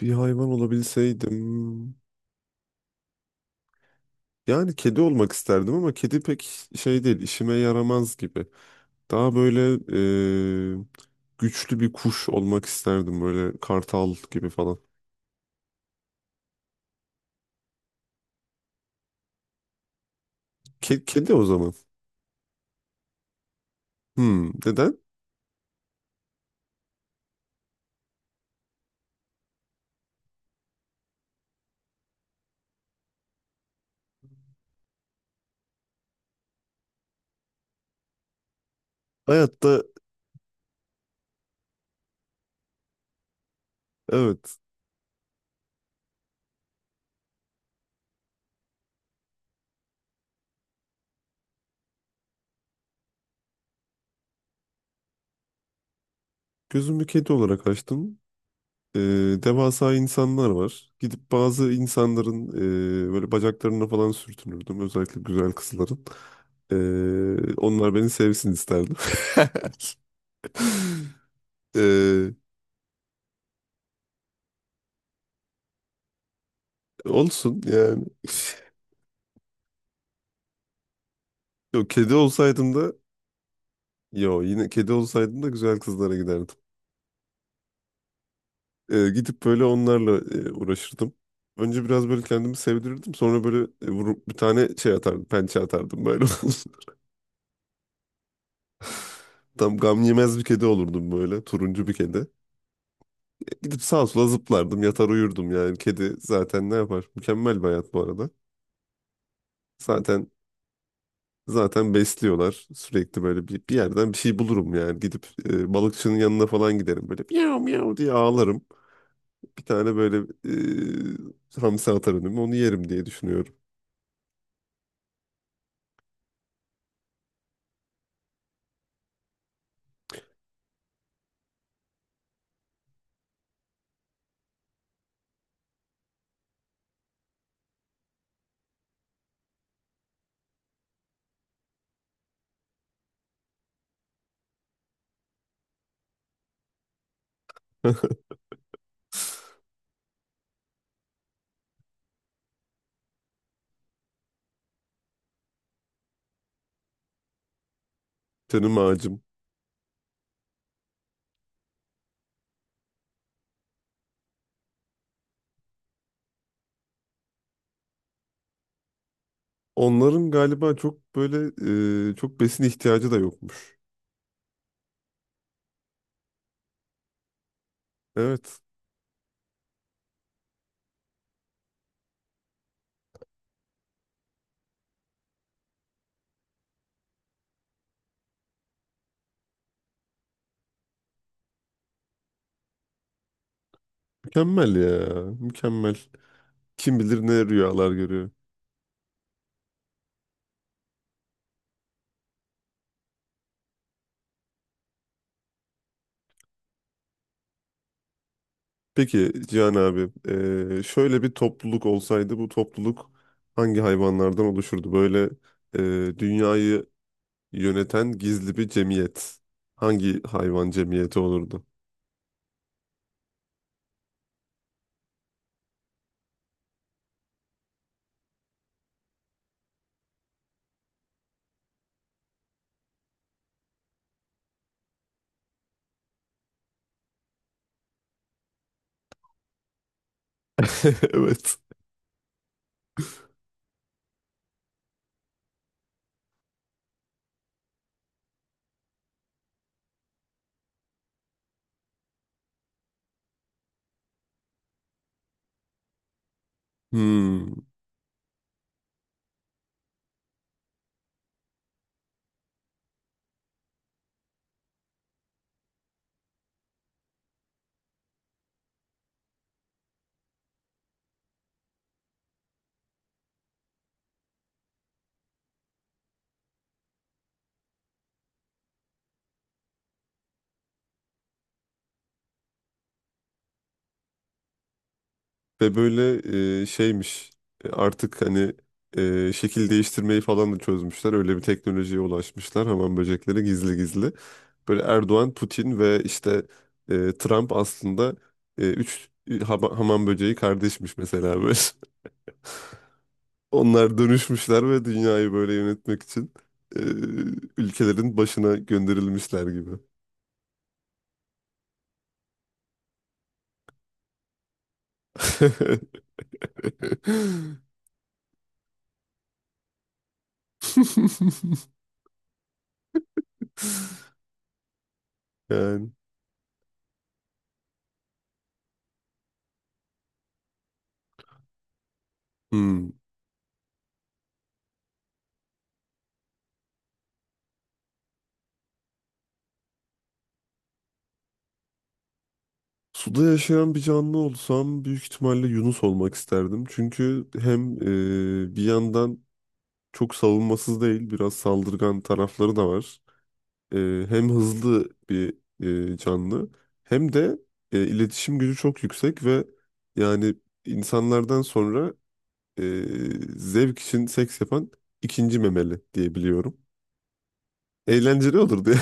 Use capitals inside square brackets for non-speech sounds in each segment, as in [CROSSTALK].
Bir hayvan olabilseydim. Yani kedi olmak isterdim ama kedi pek şey değil, işime yaramaz gibi. Daha böyle e, güçlü bir kuş olmak isterdim böyle kartal gibi falan. Ke- kedi o zaman. Hmm, neden? Hayatta evet, gözümü kedi olarak açtım. E, Devasa insanlar var. Gidip bazı insanların böyle bacaklarına falan sürtünürdüm. Özellikle güzel kızların. E, onlar beni sevsin isterdim. [LAUGHS] E, Olsun yani. [LAUGHS] yo kedi olsaydım da yo, yine kedi olsaydım da güzel kızlara giderdim. Gidip böyle onlarla uğraşırdım. Önce biraz böyle kendimi sevdirirdim. Sonra böyle vurup bir tane şey atardım, pençe atardım böyle. [LAUGHS] Tam gam yemez bir kedi olurdum böyle, turuncu bir kedi. Gidip sağa sola zıplardım, yatar uyurdum yani. Kedi zaten ne yapar? Mükemmel bir hayat bu arada. Zaten zaten besliyorlar. Sürekli böyle bir yerden bir şey bulurum yani. Gidip balıkçının yanına falan giderim böyle miyav miyav diye ağlarım. Bir tane böyle hamsi atar önüme onu yerim diye düşünüyorum. [LAUGHS] Canım ağacım. Onların galiba çok böyle çok besin ihtiyacı da yokmuş. Evet. Mükemmel ya. Mükemmel. Kim bilir ne rüyalar görüyor. Peki Cihan abi, şöyle bir topluluk olsaydı, bu topluluk hangi hayvanlardan oluşurdu? Böyle dünyayı yöneten gizli bir cemiyet. Hangi hayvan cemiyeti olurdu? [LAUGHS] Evet. Hmm. Ve böyle şeymiş, artık hani şekil değiştirmeyi falan da çözmüşler. Öyle bir teknolojiye ulaşmışlar hamam böcekleri gizli gizli. Böyle Erdoğan, Putin ve işte Trump aslında üç hamam böceği kardeşmiş mesela böyle. [LAUGHS] Onlar dönüşmüşler ve dünyayı böyle yönetmek için e, ülkelerin başına gönderilmişler gibi. [LAUGHS] Yani. Hmm. Suda yaşayan bir canlı olsam büyük ihtimalle Yunus olmak isterdim. Çünkü hem bir yandan çok savunmasız değil, biraz saldırgan tarafları da var. E, Hem hızlı bir canlı hem de iletişim gücü çok yüksek ve yani insanlardan sonra e, zevk için seks yapan ikinci memeli diye biliyorum. Eğlenceli olur diye.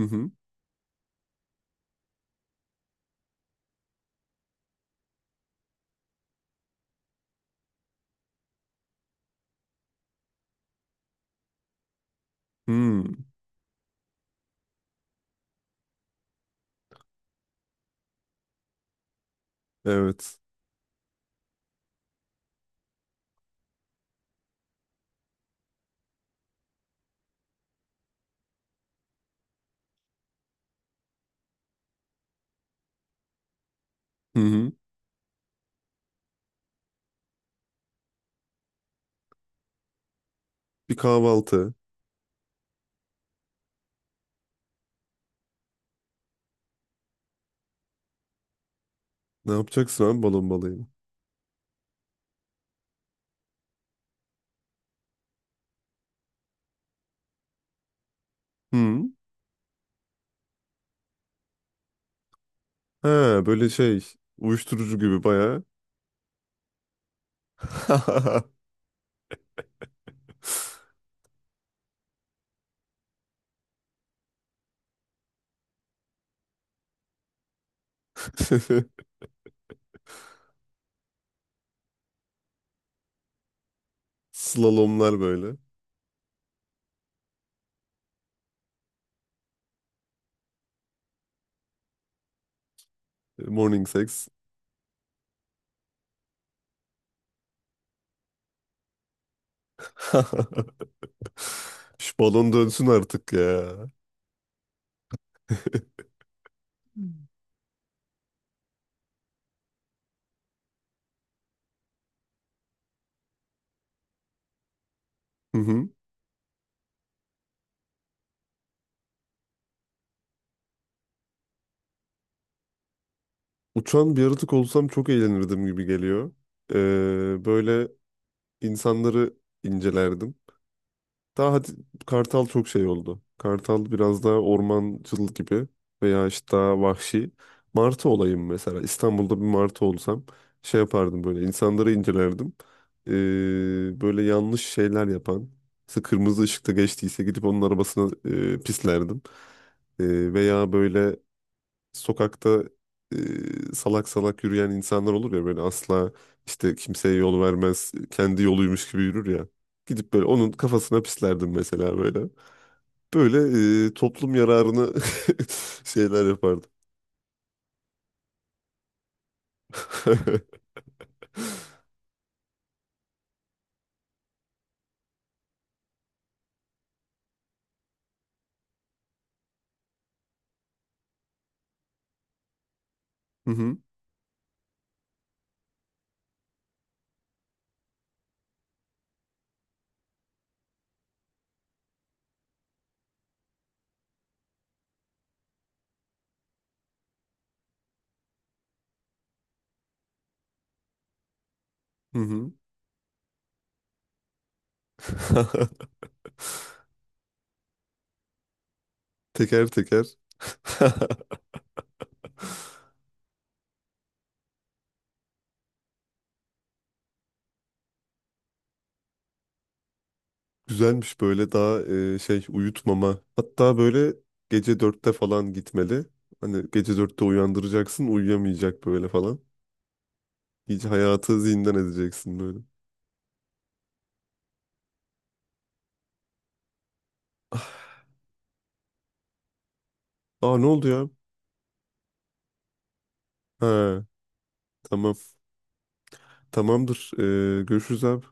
[LAUGHS] Hı hı. Hmm, evet. Hı hı. Bir kahvaltı. Ne yapacaksın abi balon balayı? Hı. He, böyle şey, uyuşturucu gibi bayağı. [LAUGHS] Slalomlar böyle. Morning sex. [LAUGHS] Şu balon dönsün artık ya. [LAUGHS] Hı hı. Uçan bir yaratık olsam çok eğlenirdim gibi geliyor. Böyle insanları incelerdim. Daha hadi, kartal çok şey oldu. Kartal biraz daha ormancıl gibi veya işte daha vahşi. Martı olayım mesela. İstanbul'da bir martı olsam şey yapardım böyle, insanları incelerdim. Ee, Böyle yanlış şeyler yapan. Mesela kırmızı ışıkta geçtiyse gidip onun arabasına pislerdim. Veya böyle sokakta salak salak yürüyen insanlar olur ya, böyle asla işte kimseye yol vermez, kendi yoluymuş gibi yürür ya. Gidip böyle onun kafasına pislerdim mesela böyle. Böyle toplum yararını [LAUGHS] şeyler yapardım. [LAUGHS] Hı hı. Hı hı. [LAUGHS] Teker teker. [LAUGHS] Güzelmiş böyle, daha şey, uyutmama. Hatta böyle gece dörtte falan gitmeli. Hani gece dörtte uyandıracaksın, uyuyamayacak böyle falan. Hiç hayatı zindan edeceksin böyle. Ah. Aa, ne oldu ya? Ha, tamam. Tamamdır. Görüşürüz abi.